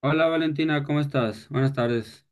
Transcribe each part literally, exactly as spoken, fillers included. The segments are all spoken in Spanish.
Hola Valentina, ¿cómo estás? Buenas tardes.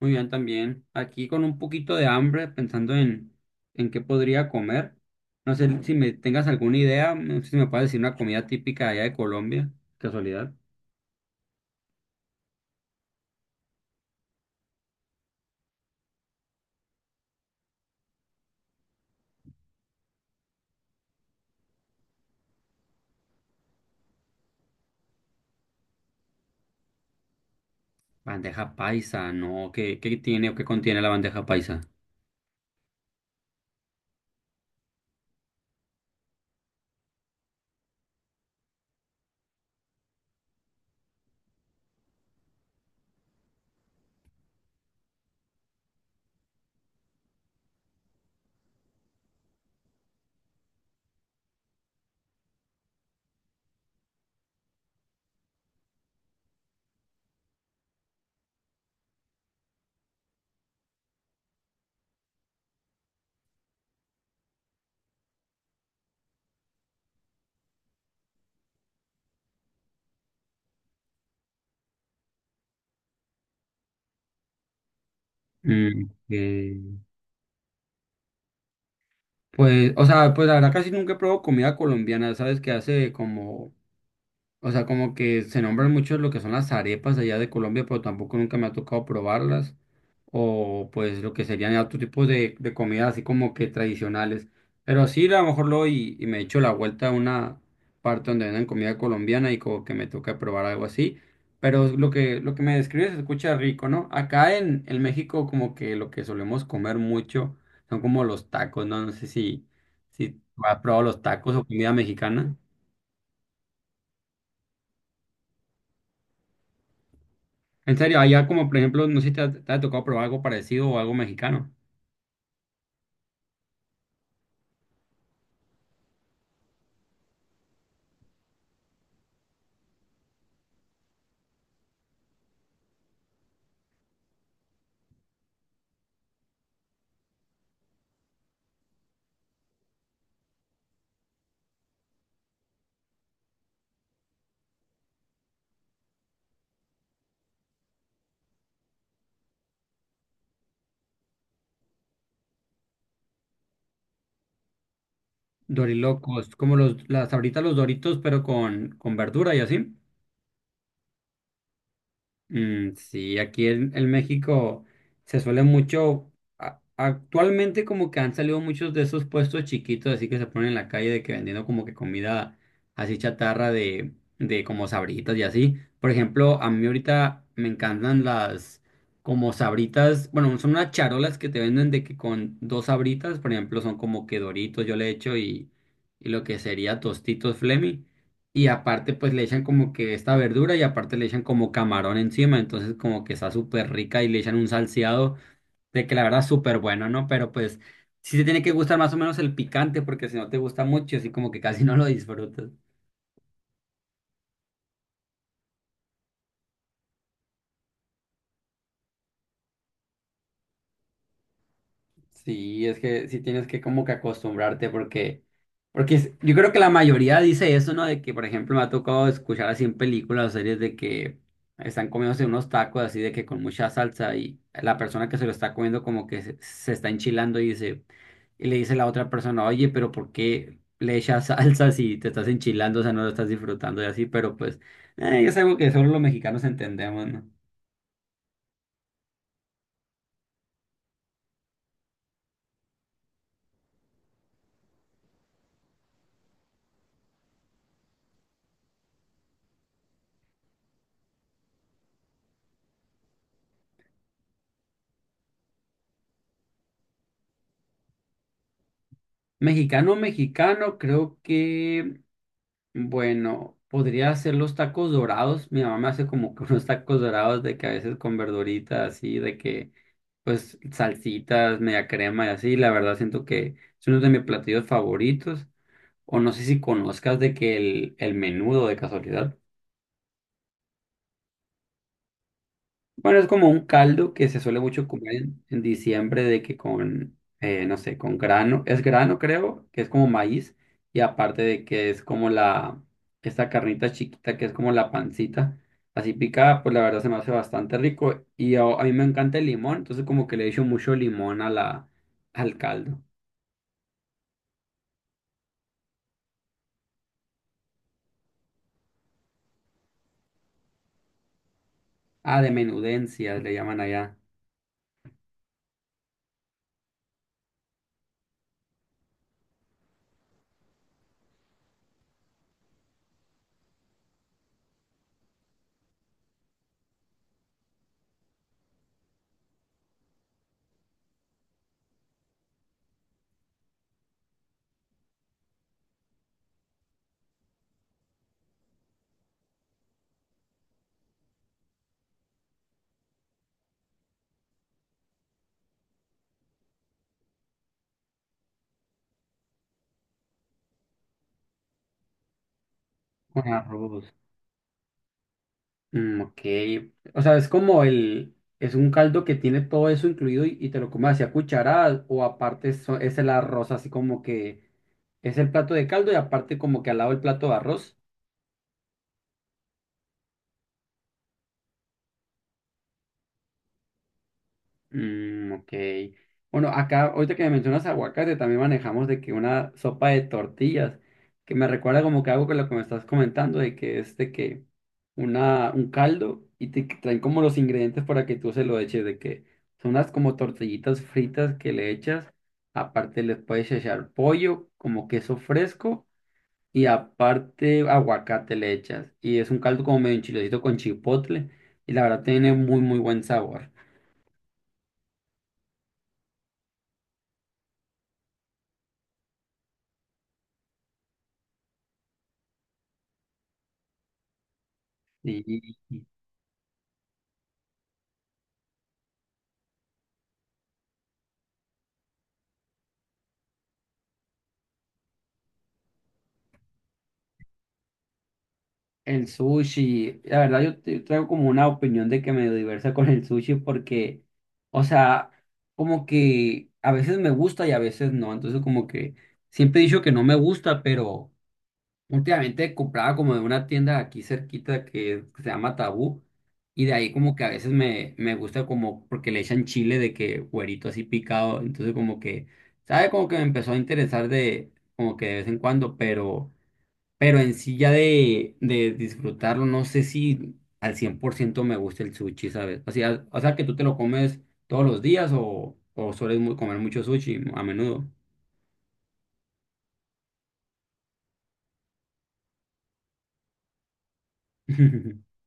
Muy bien también. Aquí con un poquito de hambre, pensando en, en qué podría comer. No sé si me tengas alguna idea, no sé si me puedes decir una comida típica allá de Colombia, casualidad. Bandeja paisa, ¿no? ¿Qué, qué tiene o qué contiene la bandeja paisa? Mm, eh, Pues, o sea, pues la verdad casi nunca he comida colombiana, ¿sabes? Que hace como, o sea, como que se nombran mucho lo que son las arepas allá de Colombia, pero tampoco nunca me ha tocado probarlas. O pues lo que serían otros tipos de, de comidas así como que tradicionales. Pero sí, a lo mejor lo y, y me echo la vuelta a una parte donde venden comida colombiana y como que me toca probar algo así. Pero lo que, lo que me describes se escucha rico, ¿no? Acá en, en México como que lo que solemos comer mucho son como los tacos, ¿no? No sé si, si has probado los tacos o comida mexicana. En serio, allá como por ejemplo, no sé si te ha, te ha tocado probar algo parecido o algo mexicano. Dorilocos, como los, las ahorita los Doritos, pero con, con verdura y así. Mm, sí, aquí en, en México se suele mucho, a- actualmente como que han salido muchos de esos puestos chiquitos, así que se ponen en la calle de que vendiendo como que comida así chatarra de, de como sabritas y así. Por ejemplo, a mí ahorita me encantan las como sabritas, bueno, son unas charolas que te venden de que con dos sabritas, por ejemplo, son como que Doritos yo le echo y, y lo que sería Tostitos Flemi. Y aparte, pues le echan como que esta verdura y aparte le echan como camarón encima, entonces como que está súper rica y le echan un salseado de que la verdad es súper bueno, ¿no? Pero pues sí te tiene que gustar más o menos el picante porque si no te gusta mucho, así como que casi no lo disfrutas. Sí, es que sí tienes que como que acostumbrarte porque, porque es- yo creo que la mayoría dice eso, ¿no? De que, por ejemplo, me ha tocado escuchar así en películas o series de que están comiéndose unos tacos así de que con mucha salsa y la persona que se lo está comiendo como que se, se está enchilando y dice, y le dice la otra persona, oye, pero ¿por qué le echas salsa si te estás enchilando? O sea, no lo estás disfrutando y así, pero pues eh, es algo que solo los mexicanos entendemos, ¿no? Mexicano, mexicano, creo que... Bueno, podría hacer los tacos dorados. Mi mamá me hace como que unos tacos dorados de que a veces con verduritas así, de que pues salsitas, media crema y así. La verdad siento que es uno de mis platillos favoritos. O no sé si conozcas de que el, el menudo de casualidad. Bueno, es como un caldo que se suele mucho comer en, en diciembre de que con, eh, no sé, con grano, es grano creo, que es como maíz, y aparte de que es como la, esta carnita chiquita que es como la pancita, así picada, pues la verdad se me hace bastante rico, y a, a mí me encanta el limón, entonces como que le echo mucho limón a la, al caldo. Ah, de menudencias le llaman allá, con arroz. Mm, ok. O sea, es como el, es un caldo que tiene todo eso incluido y, y te lo comes así a cucharadas o aparte so- es el arroz, así como que es el plato de caldo y aparte como que al lado el plato de arroz. Mm, ok. Bueno, acá, ahorita que me mencionas aguacate, también manejamos de que una sopa de tortillas, que me recuerda como que algo que lo que me estás comentando, de que es de que una, un caldo y te traen como los ingredientes para que tú se lo eches, de que son unas como tortillitas fritas que le echas, aparte les puedes echar pollo, como queso fresco, y aparte aguacate le echas. Y es un caldo como medio enchiladito con chipotle, y la verdad tiene muy, muy buen sabor. Sí. El sushi, la verdad yo te- traigo como una opinión de que medio diversa con el sushi porque, o sea, como que a veces me gusta y a veces no, entonces como que siempre he dicho que no me gusta, pero últimamente compraba como de una tienda aquí cerquita que se llama Tabú y de ahí como que a veces me, me gusta como porque le echan chile de que güerito así picado, entonces como que, ¿sabe? Como que me empezó a interesar de como que de vez en cuando, pero... Pero en sí ya de, de disfrutarlo, no sé si al cien por ciento me gusta el sushi, ¿sabes? O sea, o sea que tú te lo comes todos los días o, o sueles mu- comer mucho sushi a menudo.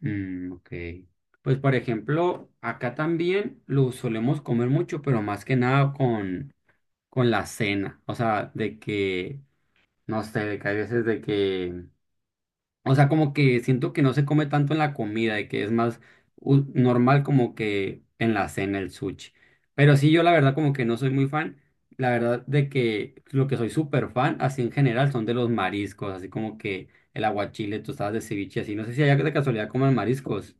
Mm, ok. Pues por ejemplo, acá también lo solemos comer mucho, pero más que nada con, con la cena. O sea, de que, no sé, de que a veces de que o sea, como que siento que no se come tanto en la comida y que es más u- normal como que en la cena el sushi. Pero sí, yo la verdad como que no soy muy fan. La verdad de que lo que soy súper fan, así en general, son de los mariscos, así como que el aguachile, tostadas de ceviche, así. No sé si allá de casualidad comen mariscos.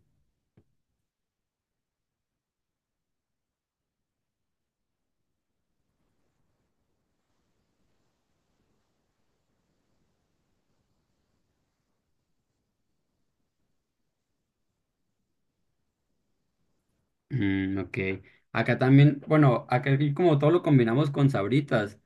Mm, ok. Acá también, bueno, acá aquí como todo lo combinamos con sabritas.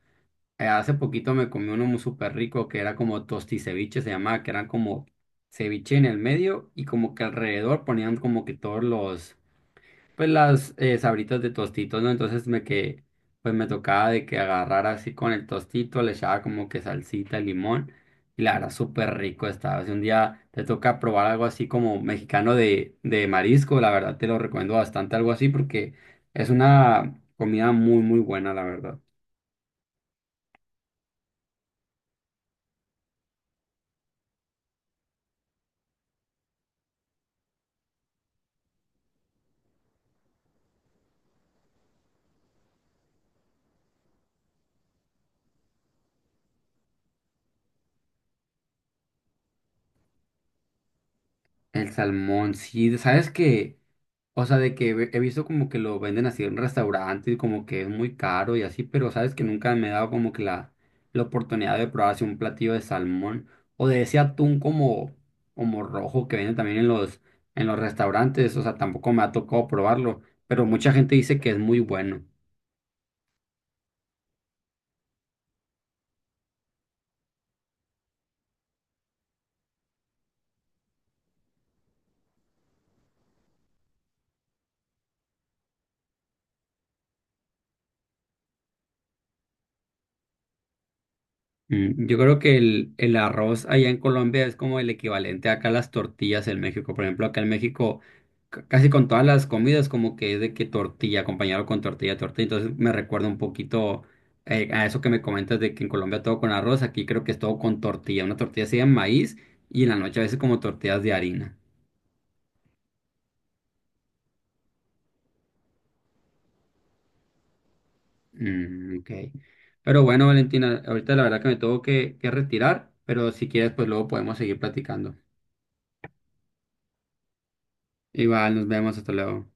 Eh, Hace poquito me comí uno muy súper rico que era como tosticeviche, se llamaba, que eran como ceviche en el medio y como que alrededor ponían como que todos los, pues las eh, sabritas de tostitos, ¿no? Entonces me que, pues me tocaba de que agarrara así con el tostito, le echaba como que salsita, limón y la verdad súper rico estaba. Si un día te toca probar algo así como mexicano de, de marisco, la verdad te lo recomiendo bastante, algo así porque es una comida muy, muy buena, la verdad. El salmón, sí, sabes que, o sea, de que ve- he visto como que lo venden así en restaurantes y como que es muy caro y así, pero sabes que nunca me he dado como que la, la oportunidad de probar así un platillo de salmón o de ese atún como, como rojo que venden también en los, en los restaurantes, o sea, tampoco me ha tocado probarlo, pero mucha gente dice que es muy bueno. Mm, yo creo que el, el arroz allá en Colombia es como el equivalente acá a las tortillas en México. Por ejemplo, acá en México, c- casi con todas las comidas, como que es de que tortilla, acompañado con tortilla, tortilla. Entonces me recuerda un poquito eh, a eso que me comentas de que en Colombia todo con arroz, aquí creo que es todo con tortilla. Una tortilla sea de maíz y en la noche a veces como tortillas de harina. Mm, ok. Pero bueno, Valentina, ahorita la verdad que me tengo que, que retirar, pero si quieres, pues luego podemos seguir platicando. Igual, nos vemos, hasta luego.